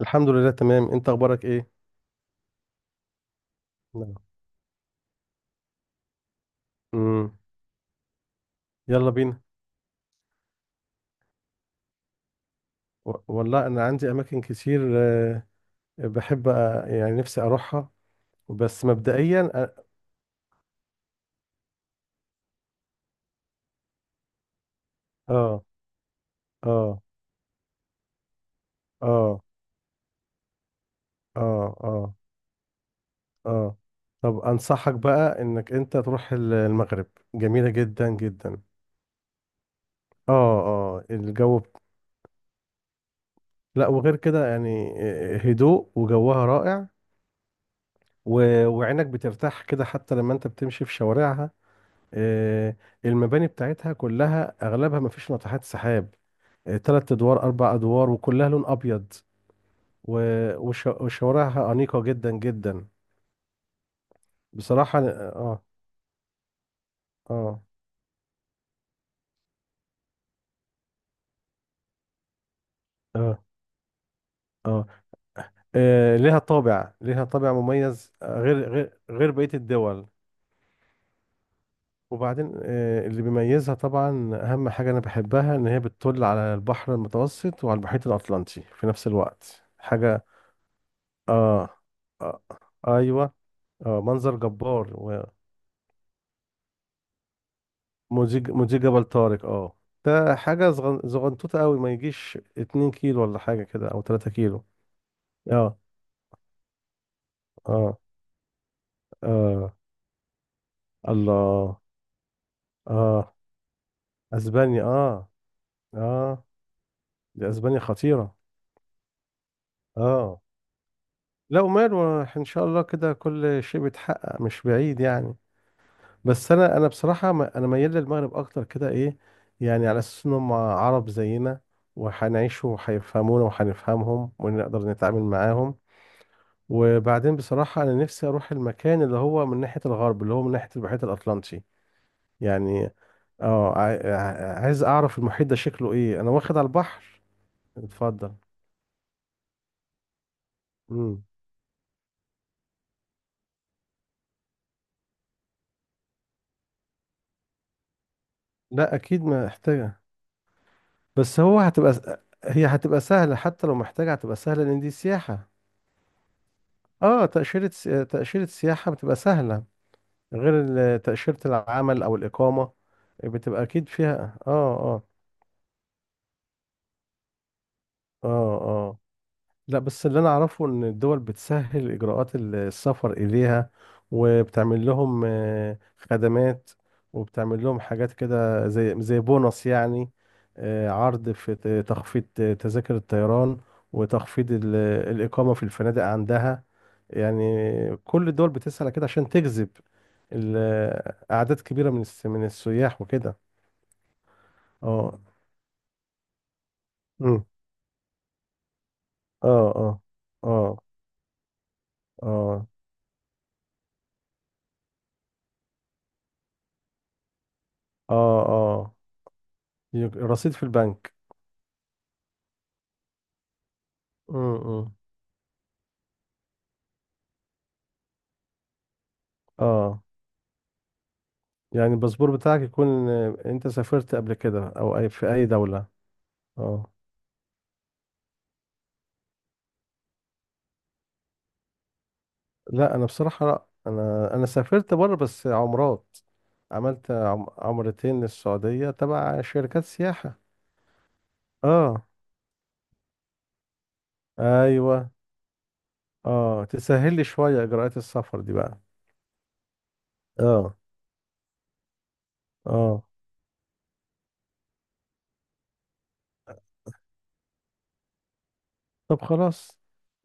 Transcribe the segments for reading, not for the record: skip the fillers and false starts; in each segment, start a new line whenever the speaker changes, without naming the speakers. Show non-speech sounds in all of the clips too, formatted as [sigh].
الحمد لله تمام. انت اخبارك ايه؟ نعم. امم. يلا بينا. والله انا عندي اماكن كتير، بحب يعني نفسي اروحها. بس مبدئيا اه. اه. اه. اه. اه. اه. طب انصحك بقى انك انت تروح المغرب. جميلة جدا جدا. اه. اه. الجو لا، وغير كده يعني، هدوء وجوها رائع. وعينك بترتاح كده حتى لما انت بتمشي في شوارعها، آه، المباني بتاعتها كلها اغلبها ما فيش ناطحات سحاب. 3 ادوار 4 ادوار وكلها لون ابيض. وشوارعها انيقه جدا جدا. بصراحه. اه. اه. اه. اه. آه، ليها طابع مميز، غير بقيه الدول. وبعدين، اللي بيميزها طبعا اهم حاجه انا بحبها ان هي بتطل على البحر المتوسط وعلى المحيط الاطلنطي في نفس الوقت. حاجه. اه. آه. آه، ايوه. اه، منظر جبار. موزيك موزيك جبل طارق. اه. ده حاجة زغنطوطة قوي ما يجيش 2 كيلو ولا حاجة كده او 3 كيلو. اه. اه. اه. الله. اه. اسبانيا. اه. اه. دي اسبانيا خطيرة. اه. لا وماله ان شاء الله كده كل شيء بيتحقق مش بعيد يعني. بس انا بصراحة، انا ميال للمغرب اكتر كده ايه. يعني على اساس انهم عرب زينا. وهنعيش وهيفهمونا وهنفهمهم ونقدر نتعامل معاهم. وبعدين بصراحة أنا نفسي أروح المكان اللي هو من ناحية الغرب، اللي هو من ناحية المحيط الأطلنطي. يعني. اه. عايز أعرف المحيط ده شكله إيه، أنا واخد على البحر. اتفضل. مم. لا، أكيد محتاجة. بس هو هتبقى هي هتبقى سهلة حتى لو محتاجة هتبقى سهلة لأن دي سياحة. اه. تأشيرة سياحة بتبقى سهلة. غير تأشيرة العمل أو الإقامة. بتبقى أكيد فيها. اه. اه. اه. آه. لا، بس اللي انا اعرفه ان الدول بتسهل اجراءات السفر اليها. وبتعمل لهم، خدمات. وبتعمل لهم حاجات كده زي بونص يعني. عرض في تخفيض تذاكر الطيران. وتخفيض الإقامة في الفنادق عندها يعني. كل الدول بتسعى كده عشان تجذب ال- أعداد كبيرة من السياح وكده. اه. مم. اه. اه. اه. اه. اه. اه. رصيد في البنك. امم. اه. يعني الباسبور بتاعك يكون، انت سافرت قبل كده او اي في اي دولة. اه. لا انا بصراحة، لا انا سافرت بره بس عمرات. عملت عمرتين للسعودية تبع شركات سياحة. اه. ايوه. اه، تسهل لي شوية اجراءات السفر دي بقى. اه. اه. طب خلاص.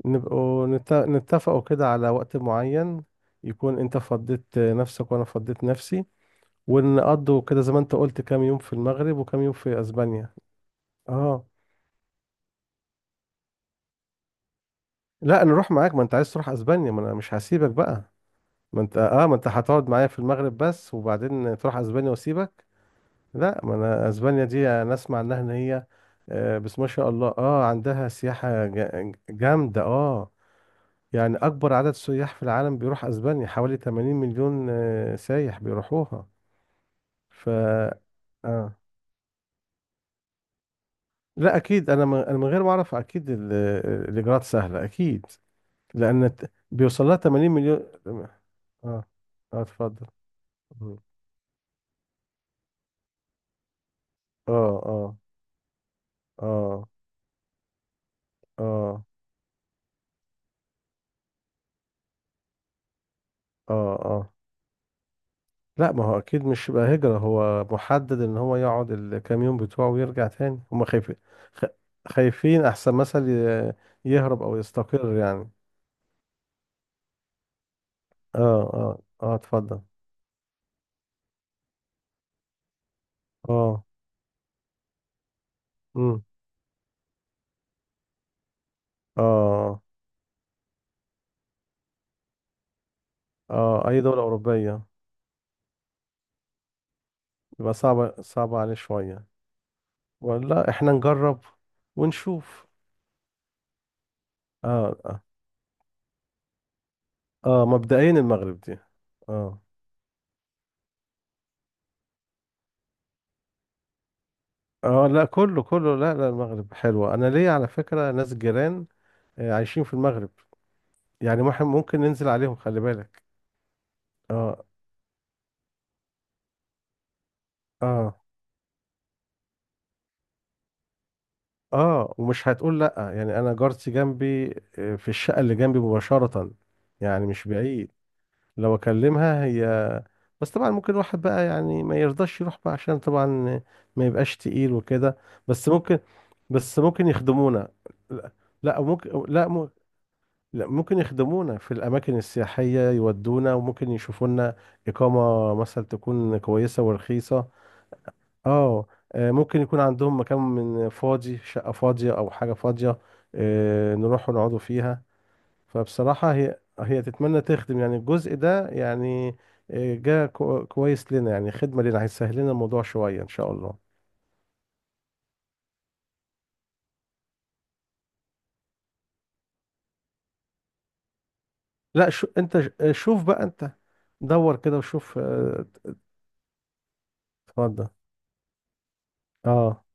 نبقوا نتفقوا كده على وقت معين. يكون انت فضيت نفسك وانا فضيت نفسي. ونقضوا كده زي ما انت قلت كام يوم في المغرب وكام يوم في اسبانيا. اه. لا، نروح معاك ما انت عايز تروح اسبانيا، ما انا مش هسيبك بقى. ما انت هتقعد معايا في المغرب بس وبعدين تروح اسبانيا واسيبك. لا، ما انا اسبانيا دي انا اسمع انها ان هي، بس ما شاء الله اه عندها سياحة جامدة. اه. يعني اكبر عدد سياح في العالم بيروح اسبانيا حوالي 80 مليون، سايح بيروحوها. ف اه. لا اكيد انا من غير ما اعرف اكيد الاجراءات سهله اكيد. لان بيوصل لها 80 مليون. اه. اه. اتفضل. مم. اه. اه. اه. اه. اه. اه. لا ما هو اكيد مش بقى هجره، هو محدد ان هو يقعد الكام يوم بتوعه ويرجع تاني. هما خايفين. خ- خايفين احسن مثل يهرب او يستقر يعني. اه. اه. اه. اتفضل. اه. امم. اه. اه، اي دوله اوروبيه. يبقى صعبه عليه شويه. ولا احنا نجرب ونشوف. اه. اه، مبدئيا المغرب دي. اه. اه. لا، كله كله، لا لا، المغرب حلوة، انا ليا على فكرة ناس جيران. عايشين في المغرب. يعني ممكن ننزل عليهم. خلي بالك. اه. اه. اه. ومش هتقول لا يعني انا جارتي جنبي. في الشقة اللي جنبي مباشرة. يعني مش بعيد. لو اكلمها هي. بس طبعا ممكن واحد بقى يعني ما يرضاش يروح بقى عشان طبعا. ما يبقاش تقيل وكده. بس ممكن بس ممكن يخدمونا. لا. لا ممكن. لا، لا ممكن يخدمونا في الأماكن السياحية، يودونا وممكن يشوفوا لنا. إقامة مثلا تكون كويسة ورخيصة. اه. ممكن يكون عندهم مكان من فاضي، شقة فاضية أو حاجة فاضية. نروح ونقعدوا فيها. فبصراحة هي تتمنى تخدم يعني الجزء ده يعني. جا كويس لنا، يعني خدمة لنا هيسهل لنا الموضوع شوية إن شاء الله. لا، شو أنت ش- آه، شوف بقى أنت. دور كده وشوف اتفضل. اه.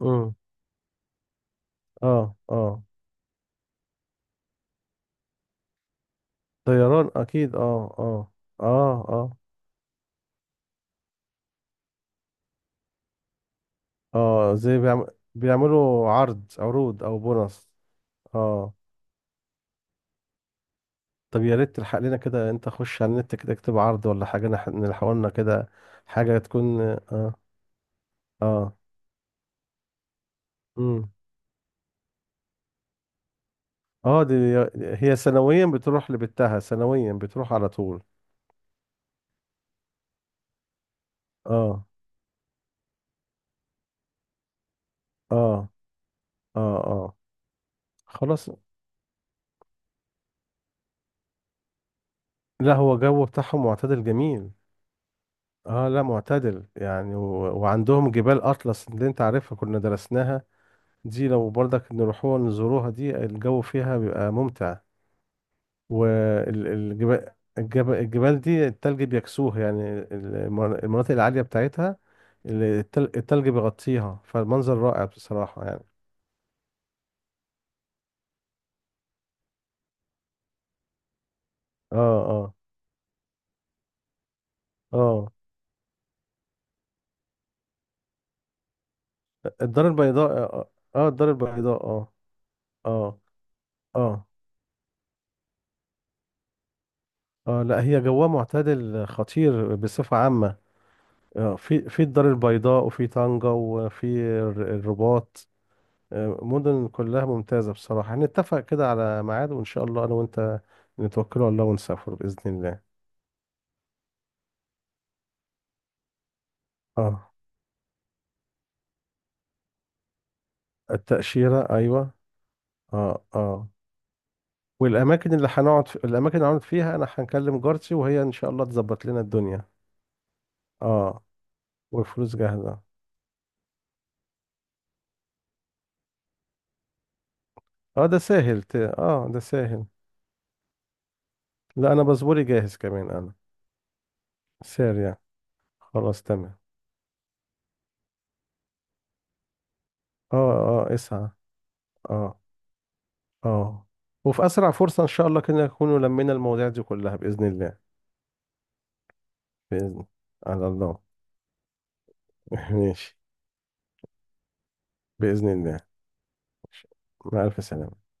امم. اه. اه، طيران اكيد. اه. اه. اه. اه. اه. زي بيعملوا عرض، عروض او بونص. اه. طب يا ريت تلحق لنا كده، انت خش على النت كده اكتب عرض ولا حاجه نلحق لنا كده. حاجه تكون. اه. اه. امم. اه. دي. هي سنويا بتروح لبتها، سنويا بتروح على طول. اه. اه. اه. اه. خلاص. لا هو جو بتاعهم معتدل جميل. اه. لا معتدل يعني. وعندهم جبال اطلس اللي انت عارفها كنا درسناها. دي لو برضك نروحوها نزوروها، دي الجو فيها بيبقى ممتع. والجبال. الجبال دي التلج بيكسوه يعني المناطق العالية بتاعتها. التلج بيغطيها فالمنظر رائع بصراحة يعني. اه. اه. اه. الدار البيضاء. اه. الدار البيضاء. اه. اه. اه. اه. لا هي جوها معتدل خطير بصفة عامة. في الدار البيضاء وفي طنجة وفي الرباط. مدن كلها ممتازة بصراحة. هنتفق كده على ميعاد وإن شاء الله أنا وأنت نتوكل على الله ونسافر بإذن الله. اه. التأشيرة أيوة. اه. اه. والأماكن اللي هنقعد فيها أنا هنكلم جارتي وهي إن شاء الله تظبط لنا الدنيا. اه. والفلوس جاهزة. اه ده سهل. لا، أنا باسبوري جاهز كمان أنا. سارية. خلاص تمام. اه. اه. اسعى. اه. اه. وفي أسرع فرصة إن شاء الله كده نكون لمينا المواضيع دي كلها بإذن الله. بإذن. على الله. [laughs] ماشي. بإذن الله. مع ألف سلامة.